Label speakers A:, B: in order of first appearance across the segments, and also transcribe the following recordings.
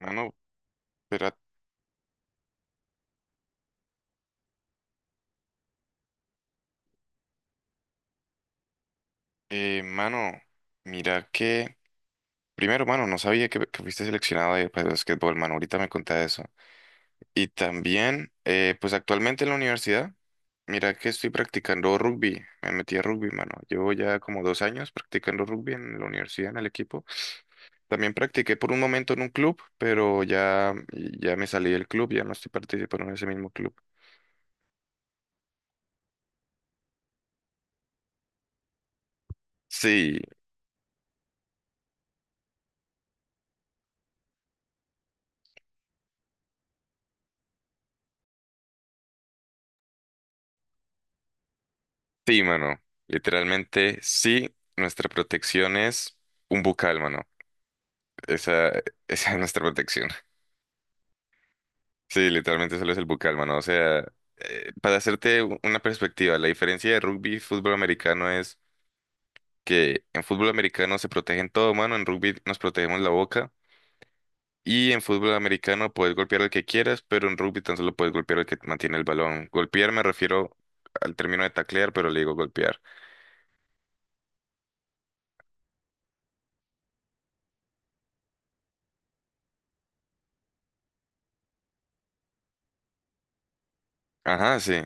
A: Mano, espera, mano, mira que, primero, mano, no sabía que fuiste seleccionado ahí para el basquetbol, mano, ahorita me contaste eso. Y también, pues actualmente en la universidad, mira que estoy practicando rugby, me metí a rugby, mano. Llevo ya como 2 años practicando rugby en la universidad, en el equipo. También practiqué por un momento en un club, pero ya, ya me salí del club, ya no estoy participando en ese mismo club. Sí, sí, mano, literalmente sí, nuestra protección es un bucal, mano. Esa, esa es nuestra protección. Sí, literalmente solo es el bucal, mano. O sea, para hacerte una perspectiva, la diferencia de rugby y fútbol americano es que en fútbol americano se protegen todo, mano. En rugby nos protegemos la boca. Y en fútbol americano puedes golpear al que quieras, pero en rugby tan solo puedes golpear al que mantiene el balón. Golpear me refiero al término de taclear, pero le digo golpear. Ajá, sí.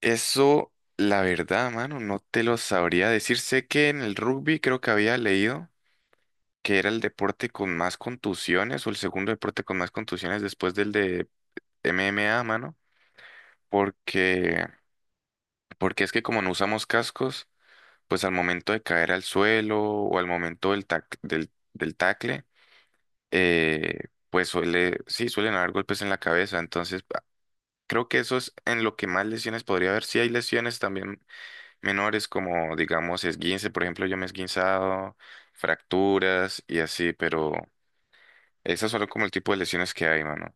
A: Eso, la verdad, mano, no te lo sabría decir. Sé que en el rugby creo que había leído, que era el deporte con más contusiones o el segundo deporte con más contusiones después del de MMA, mano, porque porque es que como no usamos cascos, pues al momento de caer al suelo o al momento del tacle, eh, pues sí, suelen haber golpes en la cabeza, entonces creo que eso es en lo que más lesiones podría haber. Sí hay lesiones también menores como digamos esguince, por ejemplo, yo me he esguinzado, fracturas y así, pero esas son como el tipo de lesiones que hay, mano.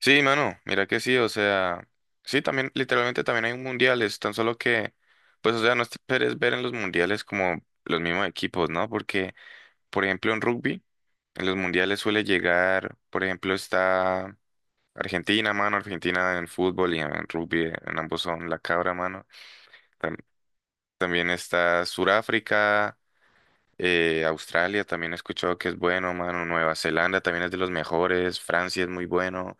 A: Sí, mano, mira que sí, o sea, sí, también, literalmente también hay mundiales, tan solo que, pues, o sea, no esperes ver en los mundiales como los mismos equipos, ¿no? Porque, por ejemplo, en rugby, en los mundiales suele llegar, por ejemplo, está Argentina, mano, Argentina en fútbol y en rugby, en ambos son la cabra, mano. Tam- también está Suráfrica, Australia, también he escuchado que es bueno, mano, Nueva Zelanda también es de los mejores, Francia es muy bueno.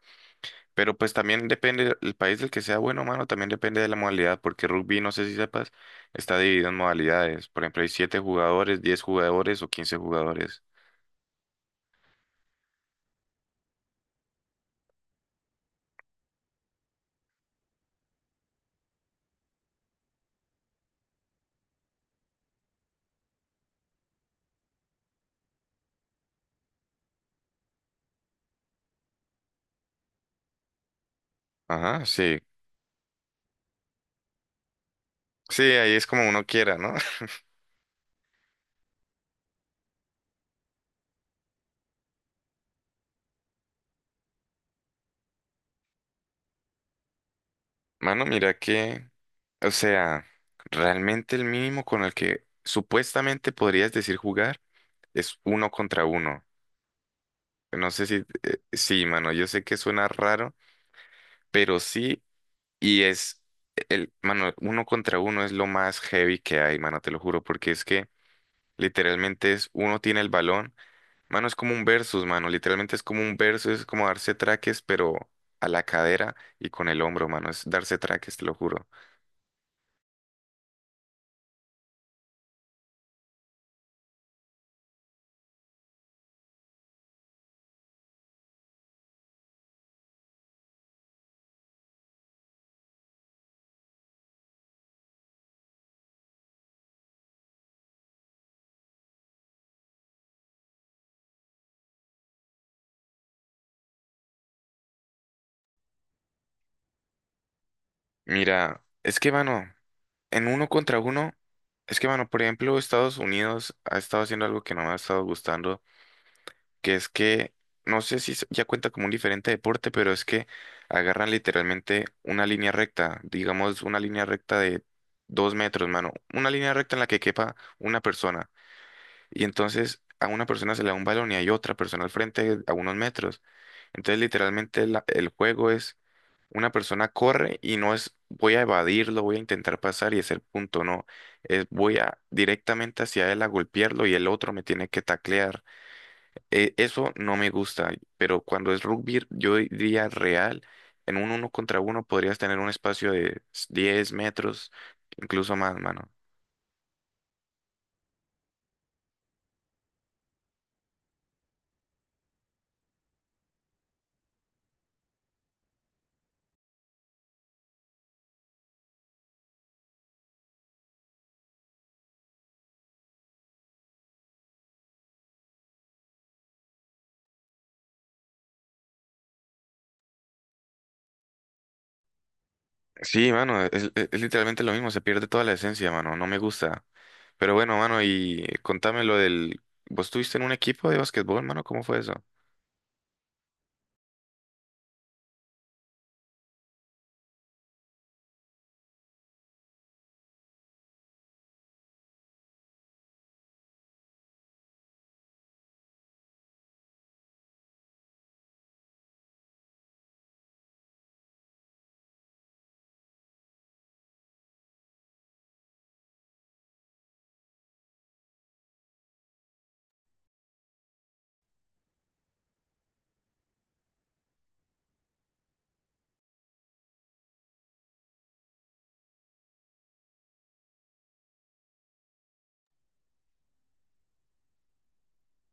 A: Pero pues también depende el país del que sea bueno, mano, también depende de la modalidad, porque rugby, no sé si sepas, está dividido en modalidades. Por ejemplo, hay siete jugadores, 10 jugadores o 15 jugadores. Ajá, sí. Sí, ahí es como uno quiera, ¿no? Mano, mira que, o sea, realmente el mínimo con el que supuestamente podrías decir jugar es uno contra uno. No sé si, sí, mano, yo sé que suena raro, pero sí. Y es, mano, uno contra uno es lo más heavy que hay, mano, te lo juro, porque es que literalmente es, uno tiene el balón, mano, es como un versus, mano, literalmente es como un versus, es como darse traques, pero a la cadera y con el hombro, mano, es darse traques, te lo juro. Mira, es que, mano, en uno contra uno, es que, mano, por ejemplo, Estados Unidos ha estado haciendo algo que no me ha estado gustando que es que, no sé si ya cuenta como un diferente deporte, pero es que agarran literalmente una línea recta, digamos una línea recta de 2 metros, mano, una línea recta en la que quepa una persona, y entonces a una persona se le da un balón y hay otra persona al frente a unos metros. Entonces literalmente el juego es una persona corre y no es voy a evadirlo, voy a intentar pasar y hacer punto, no, es voy a directamente hacia él a golpearlo y el otro me tiene que taclear. Eso no me gusta, pero cuando es rugby, yo diría real, en un uno contra uno podrías tener un espacio de 10 metros, incluso más, mano. Sí, mano, es literalmente lo mismo, se pierde toda la esencia, mano, no me gusta. Pero bueno, mano, y contame lo del. ¿Vos estuviste en un equipo de basquetbol, mano? ¿Cómo fue eso?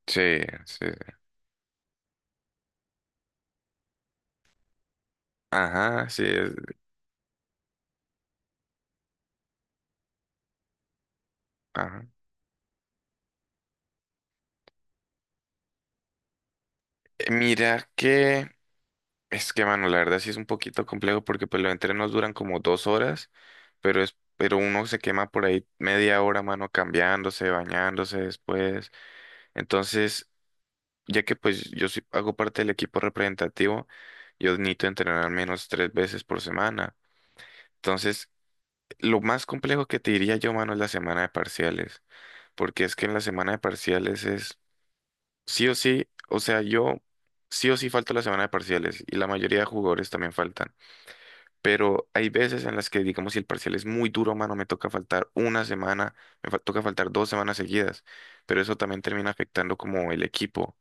A: Sí, sí. Ajá, sí. Ajá. Mira que. Es que, mano, la verdad sí es un poquito complejo porque pues los entrenos duran como 2 horas, pero uno se quema por ahí media hora, mano, cambiándose, bañándose después. Entonces, ya que pues yo sí hago parte del equipo representativo, yo necesito entrenar al menos tres veces por semana. Entonces, lo más complejo que te diría yo, mano, es la semana de parciales, porque es que en la semana de parciales es sí o sí, o sea, yo sí o sí falto la semana de parciales y la mayoría de jugadores también faltan. Pero hay veces en las que, digamos, si el parcial es muy duro, mano, me toca faltar una semana, me toca faltar 2 semanas seguidas, pero eso también termina afectando como el equipo.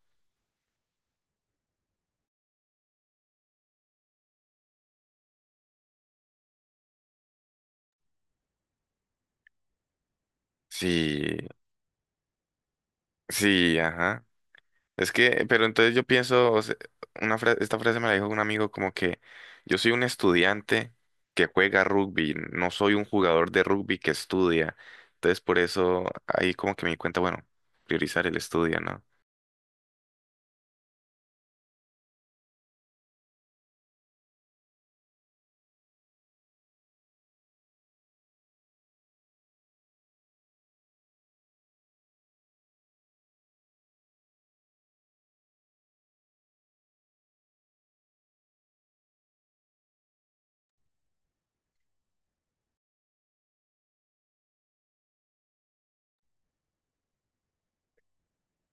A: Sí, sí, ajá. Es que, pero entonces yo pienso, o sea, una esta frase me la dijo un amigo como que yo soy un estudiante que juega rugby, no soy un jugador de rugby que estudia. Entonces por eso ahí como que me di cuenta, bueno, priorizar el estudio, ¿no?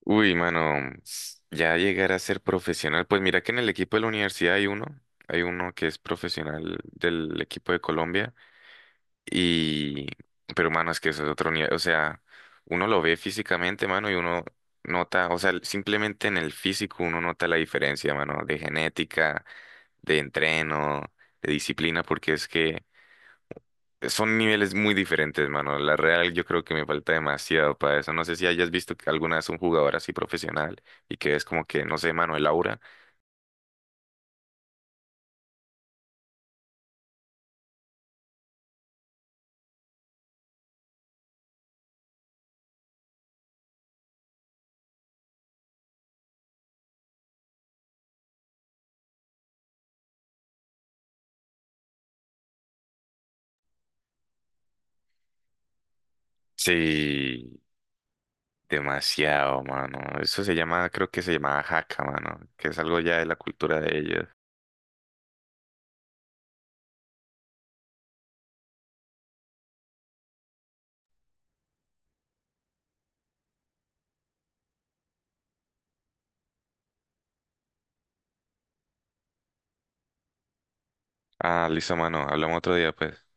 A: Uy, mano, ya llegar a ser profesional. Pues mira que en el equipo de la universidad hay uno que es profesional del equipo de Colombia y, pero mano, es que eso es otro nivel, o sea, uno lo ve físicamente, mano, y uno nota, o sea, simplemente en el físico uno nota la diferencia, mano, de genética, de entreno, de disciplina, porque es que son niveles muy diferentes, mano. La real yo creo que me falta demasiado para eso. No sé si hayas visto que alguna vez un jugador así profesional y que es como que, no sé, mano, el aura. Sí, demasiado, mano. Eso se llama, creo que se llama jaca, mano, que es algo ya de la cultura de ellos. Ah, listo, mano. Hablamos otro día, pues.